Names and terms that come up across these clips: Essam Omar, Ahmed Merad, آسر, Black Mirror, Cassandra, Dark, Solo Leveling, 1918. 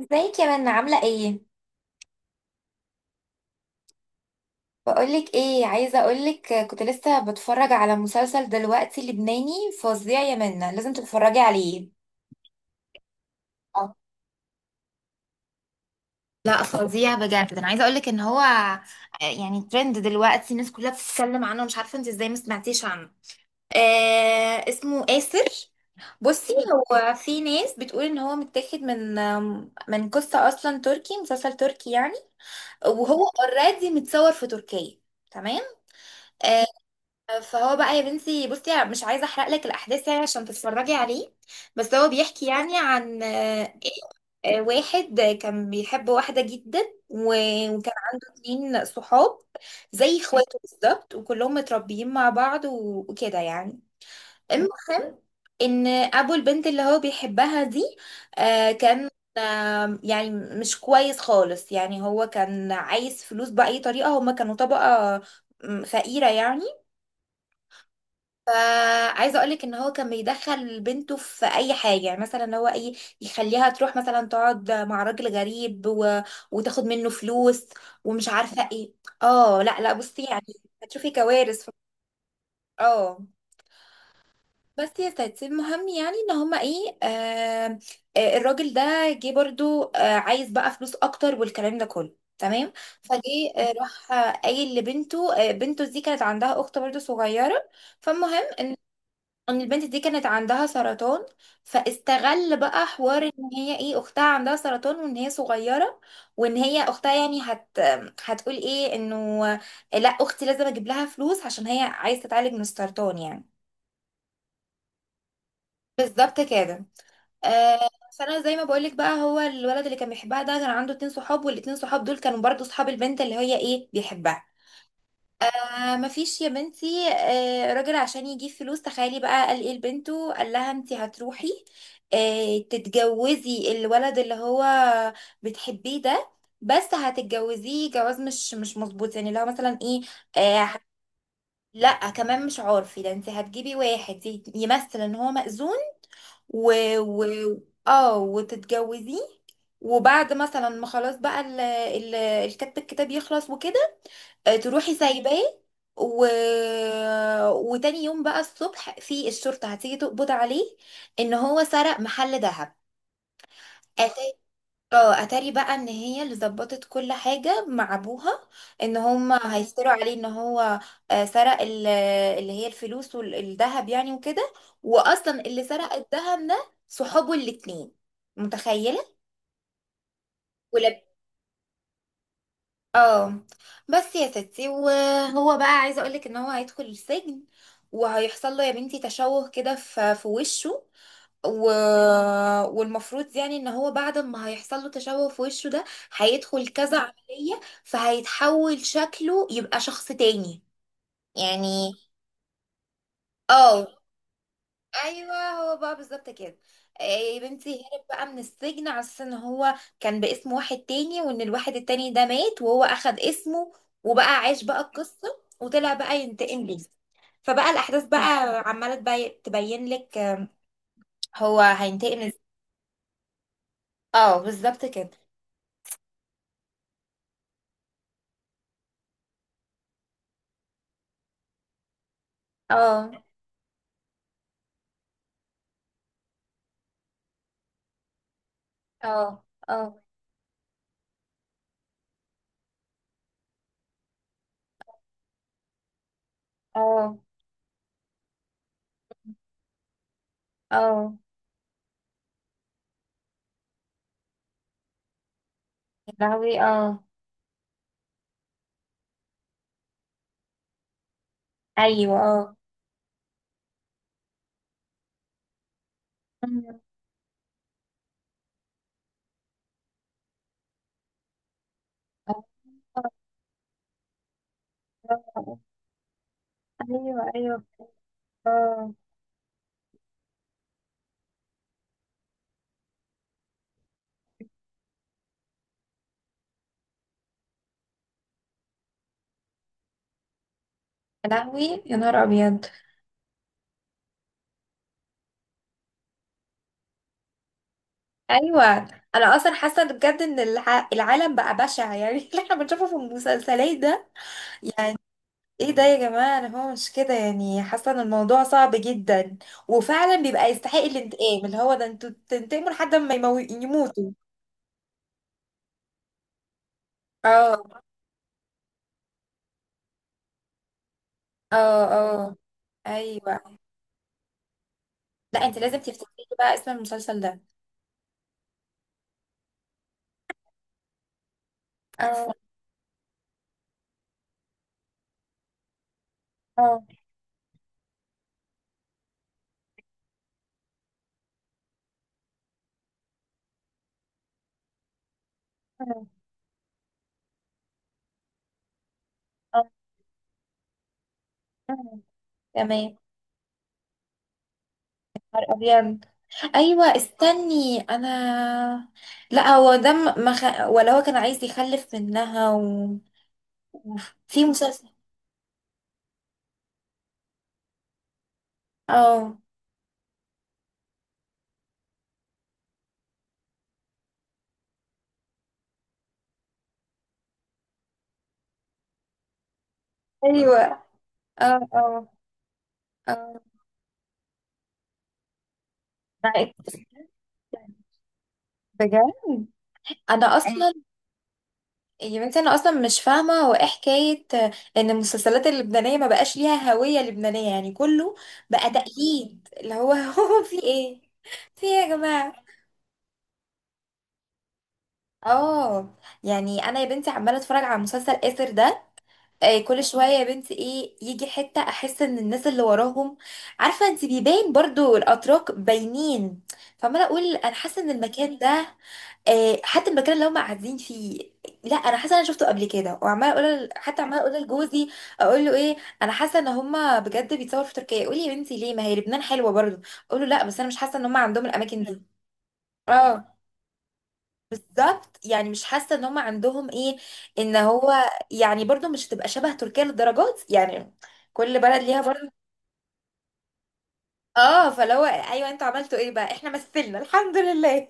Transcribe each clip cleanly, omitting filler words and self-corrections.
ازيك يا منى، عاملة ايه؟ بقولك ايه، عايزة اقولك كنت لسه بتفرج على مسلسل دلوقتي لبناني فظيع يا منى، لازم تتفرجي عليه. آه. لا فظيع بجد، ده انا عايزه اقول لك ان هو يعني ترند دلوقتي، الناس كلها بتتكلم عنه، مش عارفه انت ازاي ما سمعتيش عنه. آه، اسمه آسر. بصي، هو في ناس بتقول ان هو متاخد من من قصه، اصلا تركي، مسلسل تركي يعني. وهو اوريدي متصور في تركيا. تمام. آه، فهو بقى يا بنتي، بصي مش عايزه احرق لك الاحداث يعني عشان تتفرجي عليه. بس هو بيحكي يعني عن واحد كان بيحب واحده جدا. و- وكان عنده اتنين صحاب زي اخواته بالظبط، وكلهم متربيين مع بعض، و- وكده يعني. المهم ان ابو البنت اللي هو بيحبها دي، كان يعني مش كويس خالص يعني. هو كان عايز فلوس بأي طريقة، هما كانوا طبقة فقيرة يعني. فعايزه اقولك ان هو كان بيدخل بنته في اي حاجه، يعني مثلا هو ايه، يخليها تروح مثلا تقعد مع راجل غريب وتاخد منه فلوس، ومش عارفه ايه. اه، لا لا بصي يعني، هتشوفي كوارث اه. بس يا ستي المهم يعني ان هما ايه، الراجل ده جه برضو آه، عايز بقى فلوس اكتر والكلام ده كله، تمام. فجه راح قايل لبنته. بنته دي كانت عندها اخت برضو صغيره. فالمهم ان البنت دي كانت عندها سرطان، فاستغل بقى حوار ان هي ايه، اختها عندها سرطان وان هي صغيره، وان هي اختها يعني هتقول ايه، انه لا اختي لازم اجيب لها فلوس عشان هي عايزه تتعالج من السرطان يعني. بالظبط كده. آه. فانا زي ما بقولك بقى، هو الولد اللي كان بيحبها ده كان عنده اتنين صحاب، والاتنين صحاب دول كانوا برضو صحاب البنت اللي هي ايه بيحبها. آه، مفيش يا بنتي راجل عشان يجيب فلوس. تخيلي بقى قال ايه لبنته، قال لها انت هتروحي تتجوزي الولد اللي هو بتحبيه ده، بس هتتجوزيه جواز مش مظبوط يعني، لو مثلا ايه آه ه- لا كمان مش عارفي، ده انت هتجيبي واحد يمثل ان هو مأذون، و, و، اه، وتتجوزيه. وبعد مثلا ما خلاص بقى ال الكتب، الكتاب يخلص وكده، تروحي سايباه و... وتاني يوم بقى الصبح في الشرطة هتيجي تقبض عليه ان هو سرق محل ذهب. أتاري، اه، اتاري بقى ان هي اللي ظبطت كل حاجة مع ابوها، ان هما هيفتروا عليه ان هو سرق اللي هي الفلوس والذهب يعني وكده، واصلا اللي سرق الذهب ده صحابه الاتنين. متخيلة؟ اه. بس يا ستي، وهو بقى عايزه اقولك ان هو هيدخل السجن، وهيحصل له يا بنتي تشوه كده في وشه و... والمفروض يعني ان هو بعد ما هيحصل له تشوه في وشه ده، هيدخل كذا عمليه فهيتحول شكله يبقى شخص تاني يعني. اه ايوه، هو بقى بالظبط كده. إيه يا بنتي، هرب بقى من السجن على اساس ان هو كان باسم واحد تاني، وان الواحد التاني ده مات وهو اخد اسمه. وبقى عاش بقى القصه، وطلع بقى ينتقم ليه. فبقى الاحداث بقى عماله تبين لك هو هينتقم ازاي. اه بالظبط كده. اه. اه. اه. اه. اه. يا لهوي، اه. ايوه اه. أمم. آه، آه، آه. ايوه ايوه. اه. يا لهوي يا نهار ابيض. ايوه، انا اصلا حاسه إن بجد ان العالم بقى بشع يعني اللي احنا بنشوفه في المسلسلات ده يعني. ايه ده يا جماعه، انا هو مش كده يعني، حاسه ان الموضوع صعب جدا، وفعلا بيبقى يستحق الانتقام اللي هو ده، انتوا تنتقموا لحد ما يموتوا. اه. اه. اه. ايوه. لا انت لازم تفتكري بقى اسم المسلسل ده. اه. اه. آه، آه، آه. تمام. ابيض. ايوه، استني انا. لا هو ده ما خ... ولا هو كان عايز يخلف منها أوف. في مسلسل. اه. ايوه. اه. اه. اه. معاك. بجد. انا أيوة. اصلا يا بنتي، انا اصلا مش فاهمه هو ايه حكايه ان المسلسلات اللبنانيه ما بقاش ليها هويه لبنانيه يعني، كله بقى تقليد اللي هو هو في ايه، في ايه يا جماعه؟ اه. يعني انا يا بنتي عماله اتفرج على مسلسل اسر ده كل شويه يا بنتي ايه، يجي حته احس ان الناس اللي وراهم، عارفه انت، بيبان برضو الاتراك باينين. فعماله اقول انا حاسه ان المكان ده حتى المكان اللي هم قاعدين فيه، لا انا حاسه انا شفته قبل كده. وعماله اقول، حتى عماله اقول لجوزي، اقول له ايه، انا حاسه ان هم بجد بيتصوروا في تركيا، يقول لي يا بنتي ليه، ما هي لبنان حلوه برضو. اقول له لا، بس انا مش حاسه ان هم عندهم الاماكن دي. اه بالظبط. يعني مش حاسه ان هم عندهم ايه، ان هو يعني برضو مش تبقى شبه تركيا للدرجات يعني، كل بلد ليها برضو. اه، فلو ايوه، انتوا عملتوا ايه بقى، احنا مثلنا الحمد لله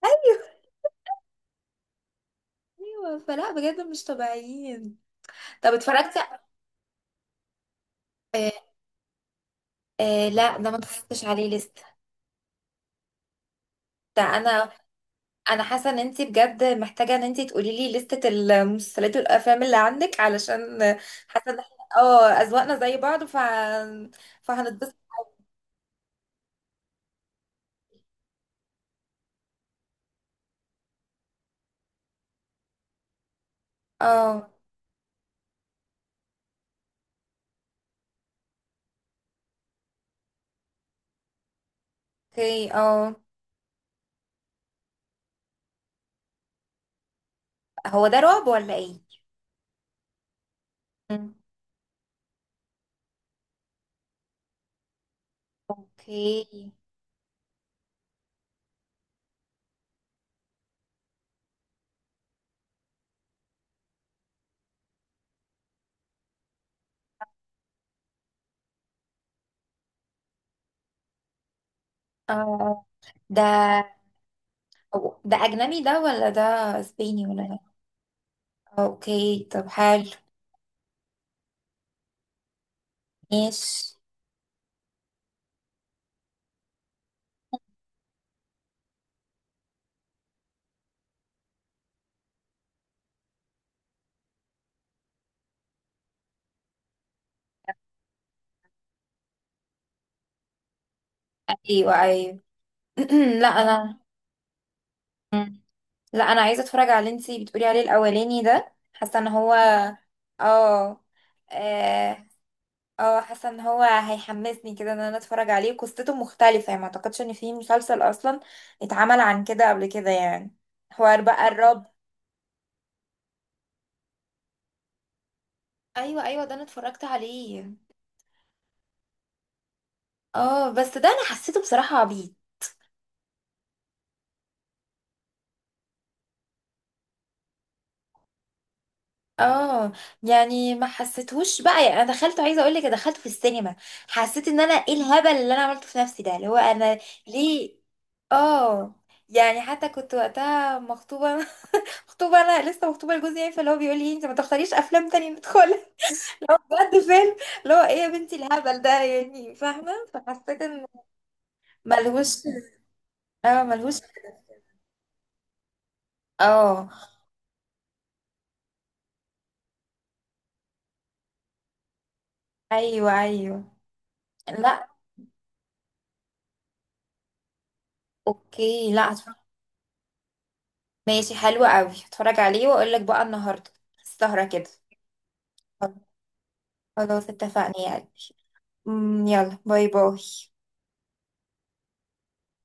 ايوه. فلا بجد مش طبيعيين. طب اتفرجتي؟ آه آه، لا ده ما اتفرجتش عليه لسه. ده انا انا حاسه ان انت بجد محتاجه ان انت تقولي لي لسته المسلسلات والافلام اللي عندك، علشان حاسه ان احنا اه اذواقنا زي بعض، فهنتبسط. اه. اوكي اه. هو ده رعب ولا ايه؟ مم. اوكي. اه. آه. ده ده اجنبي ده، ولا ده اسباني ولا ايه؟ اوكي طب حلو. ماشي. ايوه ايوه. لا انا. مم. لا انا عايزه اتفرج على اللي انتي بتقولي عليه الاولاني ده، حاسه ان هو، اه. اه. حاسه ان هو هيحمسني كده ان انا اتفرج عليه، قصته مختلفه يعني، ما اعتقدش ان في مسلسل اصلا اتعمل عن كده قبل كده يعني. حوار بقى الرعب. ايوه ايوه، ده انا اتفرجت عليه. اه بس ده انا حسيته بصراحه عبيط. اه يعني، ما حسيتهوش بقى يعني. انا دخلت، عايزه اقول لك، دخلت في السينما، حسيت ان انا ايه الهبل اللي انا عملته في نفسي ده، اللي هو انا ليه. اه، يعني حتى كنت وقتها مخطوبه مخطوبه انا لسه مخطوبه لجوزي يعني، فاللي هو بيقول لي انت ما تختاريش افلام تانية ندخلها. بجد فيلم اللي هو ايه يا بنتي الهبل ده يعني، فاهمه. فحسيت ان ملهوش. اه ملهوش. اه. ايوه ايوه. لا. اوكي، لا هتفرج. ماشي حلو قوي، هتفرج عليه واقول لك بقى النهارده السهرة كده. خلاص اتفقنا يعني. يلا، باي باي.